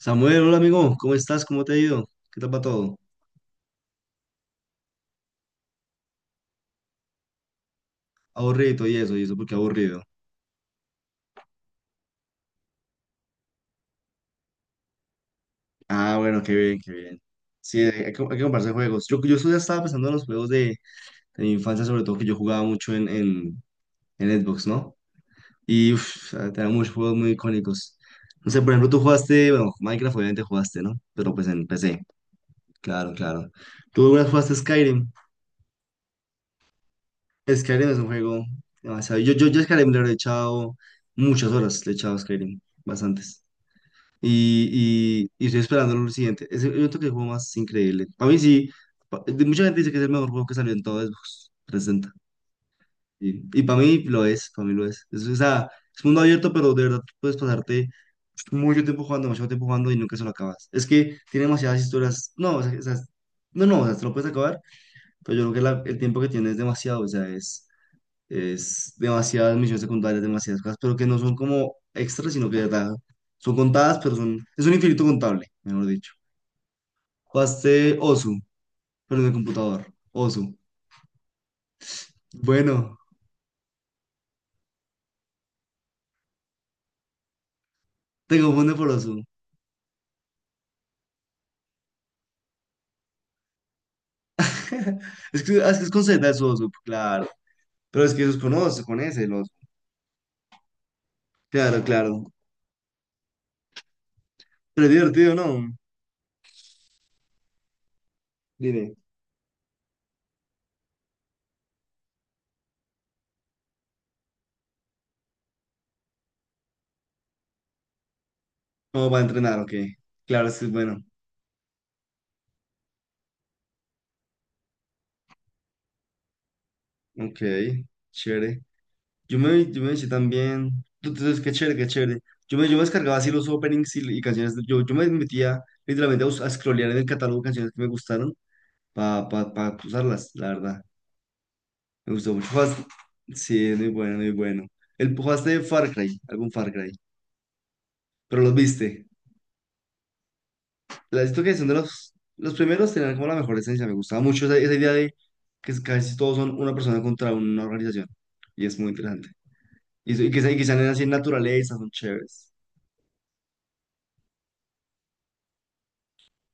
Samuel, hola amigo, ¿cómo estás? ¿Cómo te ha ido? ¿Qué tal va todo? Aburrido y eso, porque aburrido. Ah, bueno, qué bien, qué bien. Sí, hay que comprarse juegos. Yo ya estaba pensando en los juegos de mi infancia, sobre todo que yo jugaba mucho en Xbox, ¿no? Y uf, tenía muchos juegos muy icónicos. No sé, por ejemplo, tú jugaste, bueno, Minecraft obviamente jugaste, ¿no? Pero pues en PC, claro, claro. ¿Tú alguna vez jugaste Skyrim? Skyrim es un juego demasiado. Yo a Skyrim le he echado muchas horas, le he echado a Skyrim, bastantes. Y estoy esperando lo siguiente. Es el, yo creo que el juego más increíble. Para mí sí. Mucha gente dice que es el mejor juego que salió en todo Xbox 360. Y para mí lo es, para mí lo es. O sea, es mundo abierto, pero de verdad tú puedes pasarte mucho tiempo jugando, demasiado tiempo jugando y nunca se lo acabas. Es que tiene demasiadas historias. No, o sea, no, no, o sea, te lo puedes acabar, pero yo creo que el tiempo que tiene es demasiado. O sea, es demasiadas misiones secundarias, demasiadas cosas, pero que no son como extras, sino que de verdad son contadas, es un infinito contable, mejor dicho. Jugaste Osu, pero en el computador. Osu. Bueno, te confunde por Osu. Es que ah, que es con Z es Osu, claro. Pero es que eso es con Osu, con ese, el Osu. Claro, claro. Pero es divertido, ¿no? Dime. ¿Cómo va a entrenar? Ok. Claro, es que es bueno. Ok, chévere. Yo me eché también. Entonces, qué chévere, qué chévere. Yo me descargaba así los openings y canciones. Yo me metía literalmente a scrollear en el catálogo canciones que me gustaron para pa, pa pa usarlas, la verdad. Me gustó mucho. Jugaste- Sí, es muy bueno, muy bueno. El jugaste de Far Cry, algún Far Cry. Pero los viste. La siento que son de los primeros, tenían como la mejor esencia. Me gustaba mucho esa idea de que casi todos son una persona contra una organización. Y es muy interesante. Y que sean así en naturaleza, son chéveres.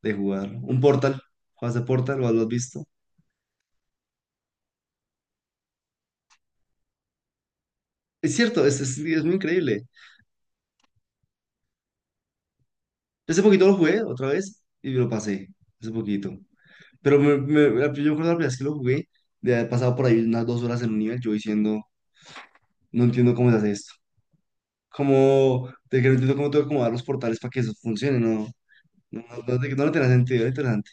De jugar Un Portal, ¿juegas de Portal lo has visto? Es cierto, es muy increíble. Yo hace poquito lo jugué otra vez y lo pasé, hace poquito. Pero yo me acuerdo la primera vez que lo jugué, de haber pasado por ahí unas 2 horas en un nivel, yo diciendo, no entiendo cómo se hace esto. Como, de que no entiendo cómo tengo que acomodar los portales para que eso funcione, no. No, no, no, no le tenía sentido, era interesante.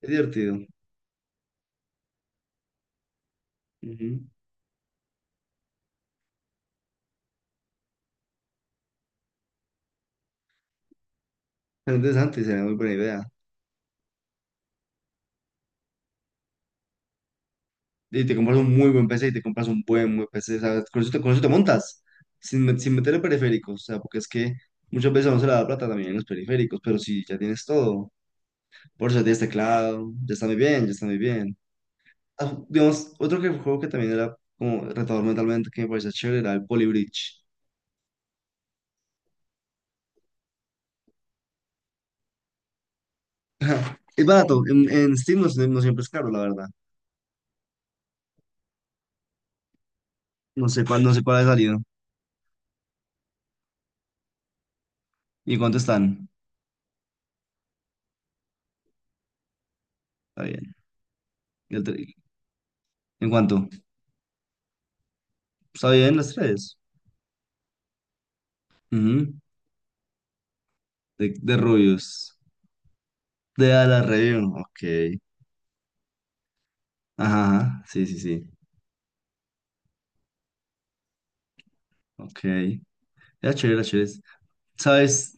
Es divertido. Ujú. Era interesante, sería muy buena idea. Y te compras un muy buen PC y te compras un buen, buen PC, ¿sabes? Con eso te montas, sin meterle periféricos, o sea, porque es que muchas veces no se le da plata también en los periféricos, pero sí, ya tienes todo. Por eso ya tienes teclado, ya está muy bien, ya está muy bien. Ah, digamos, juego que también era como retador mentalmente, que me parecía chévere, era el Poly Bridge. Es barato, en Steam no, no siempre es caro, la verdad. No sé cuál, no sé cuál ha salido. ¿Y cuánto están? Está bien. ¿Y el tre- ¿En cuánto? Está bien, las tres. Ujú. De rubios. De a la review, ok. Ajá, ajá, sí, sí, sí. Ok. Era chévere, era chévere. ¿Sabes?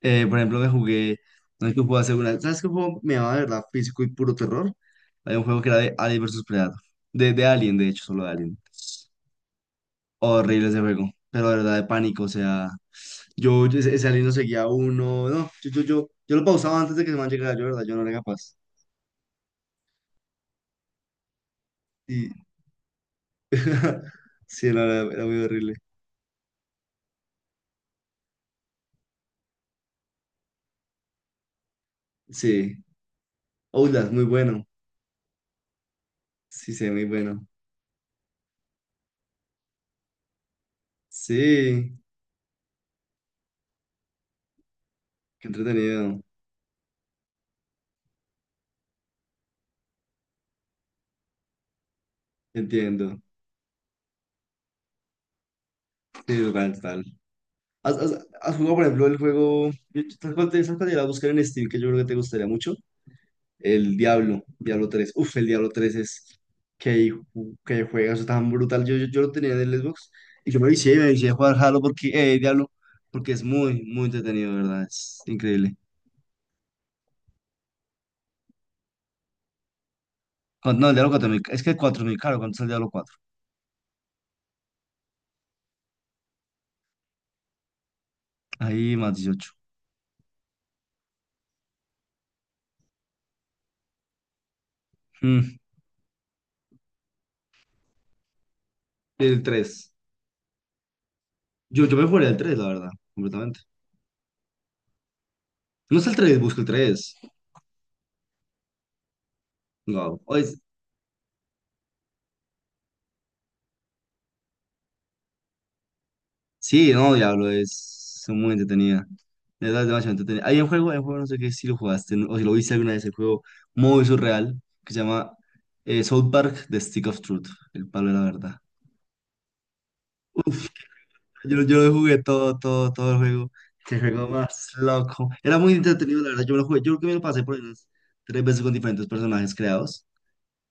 Por ejemplo, me jugué. No sé qué juego hacer una. ¿Sabes qué juego me llamaba de verdad físico y puro terror? Había un juego que era de Alien vs Predator. De Alien, de hecho, solo de Alien. Horrible ese juego. Pero de verdad de pánico, o sea. Yo ese Alien lo seguía a uno. No, yo lo pausaba antes de que se me llegara, yo, de verdad, yo no era capaz. Y. Sí, no, era muy horrible. Sí. Outlast, muy bueno. Sí, sí, muy bueno. Sí, qué entretenido. Entiendo. Sí, total, total. ¿Has jugado, por ejemplo, el juego? ¿Sabes cuál te iba a buscar en Steam que yo creo que te gustaría mucho? El Diablo, Diablo tres. Uf, el Diablo tres es que juegas tan brutal. Yo lo tenía en el Xbox y yo me vicié a jugar Halo porque, Diablo, porque es muy, muy entretenido, de ¿verdad? Es increíble. No, el Diablo 4 es que cuatro mil caro. ¿Cuánto es el Diablo cuatro? Ahí más 18. Mm, el 3, Yo me jugaría el 3, la verdad, completamente. No está el tres, busca el tres. Wow. O sí, no, Diablo, es muy entretenida. De verdad, es demasiado entretenida. Hay un juego, no sé qué, si lo jugaste o si lo viste alguna vez, el juego muy surreal que se llama South Park The Stick of Truth, el palo de la verdad. Yo lo jugué todo, todo, todo el juego. Qué juego más loco. Era muy entretenido, la verdad. Yo me lo jugué, yo creo que me lo pasé por ahí unas tres veces con diferentes personajes creados.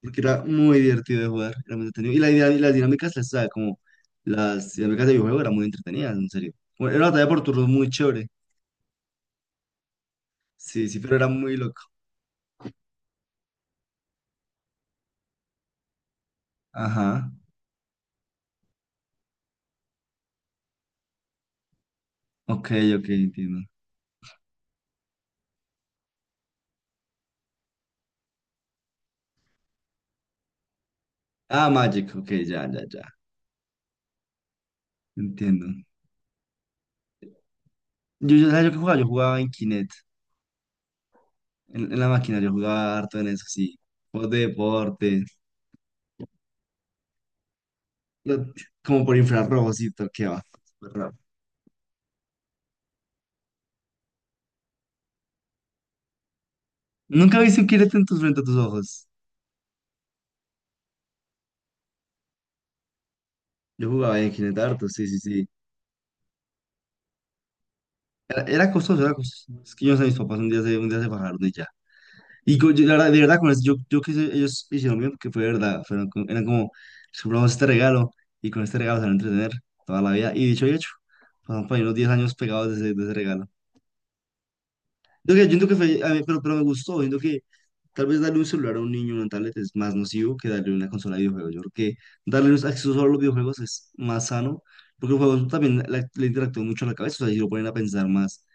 Porque era muy divertido de jugar, era muy entretenido. Y, la idea, y las dinámicas, las, ¿sabe? Como las dinámicas de videojuego eran muy entretenidas, en serio. Bueno, era una batalla por turnos muy chévere. Sí, sí, pero era muy loco. Ajá. Ok, ok, entiendo. Ah, Magic, ok, ya, ya, ya. Entiendo. Yo, ¿sabes yo qué jugaba? Yo jugaba en Kinect, en la máquina, yo jugaba harto en eso, sí. Juegos de deporte, lo- como por infrarrojo, sí, toqueaba. Súper raro. ¿Nunca viste un Kinect frente a tus ojos? Yo jugaba en Kinect harto, sí, sí, sí. Era costoso, era costoso. Es que yo no sé, mis papás un día se bajaron y ya. Yo, la verdad, de verdad, con eso, yo que sé, ellos hicieron bien porque fue de verdad. Eran como, "Les compramos este regalo y con este regalo se van a entretener toda la vida". Y dicho y hecho, pasaron por ahí unos 10 años pegados de ese regalo. Yo siento que fue, pero me gustó. Siento que tal vez darle un celular a un niño, una tablet, es más nocivo que darle una consola de videojuegos. Yo creo que darle un acceso solo a los videojuegos es más sano porque los juegos también le interactúan mucho a la cabeza. O sea, y lo ponen a pensar más.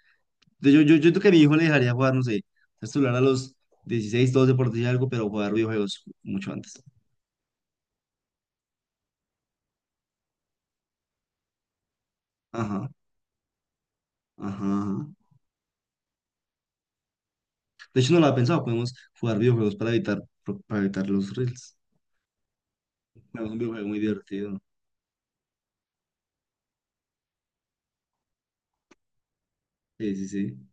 Yo creo que a mi hijo le dejaría jugar, no sé, el celular a los 16 12 por decir algo, pero jugar videojuegos mucho antes. Ajá, ajá, ajá. De hecho, no lo había pensado, podemos jugar videojuegos para evitar, los reels. No, es un videojuego muy divertido. Sí, sí, sí.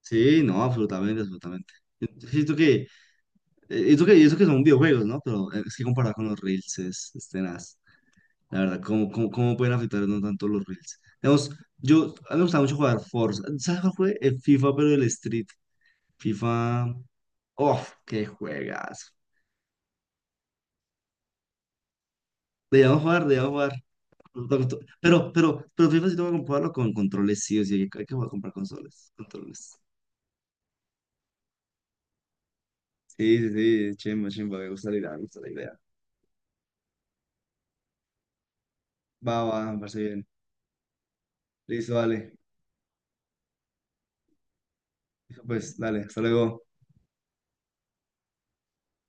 Sí, no, absolutamente, absolutamente. Yo siento que, y eso que son videojuegos, ¿no? Pero es que comparado con los reels es tenaz. La verdad, ¿cómo pueden afectarnos tanto los reels? Digamos, a mí me gustaba mucho jugar Forza. ¿Sabes cuál fue? El FIFA, pero el Street. FIFA. ¡Oh, qué juegas! Debíamos jugar, debíamos jugar. Pero, pero FIFA sí tengo que comprarlo con controles, sí o sí. Hay que jugar a comprar consoles, controles. Sí, sí, sí, chimba, chimba. Me gusta la idea, me gusta la idea. Va, va, me parece bien. Listo, dale. Pues, dale, hasta luego.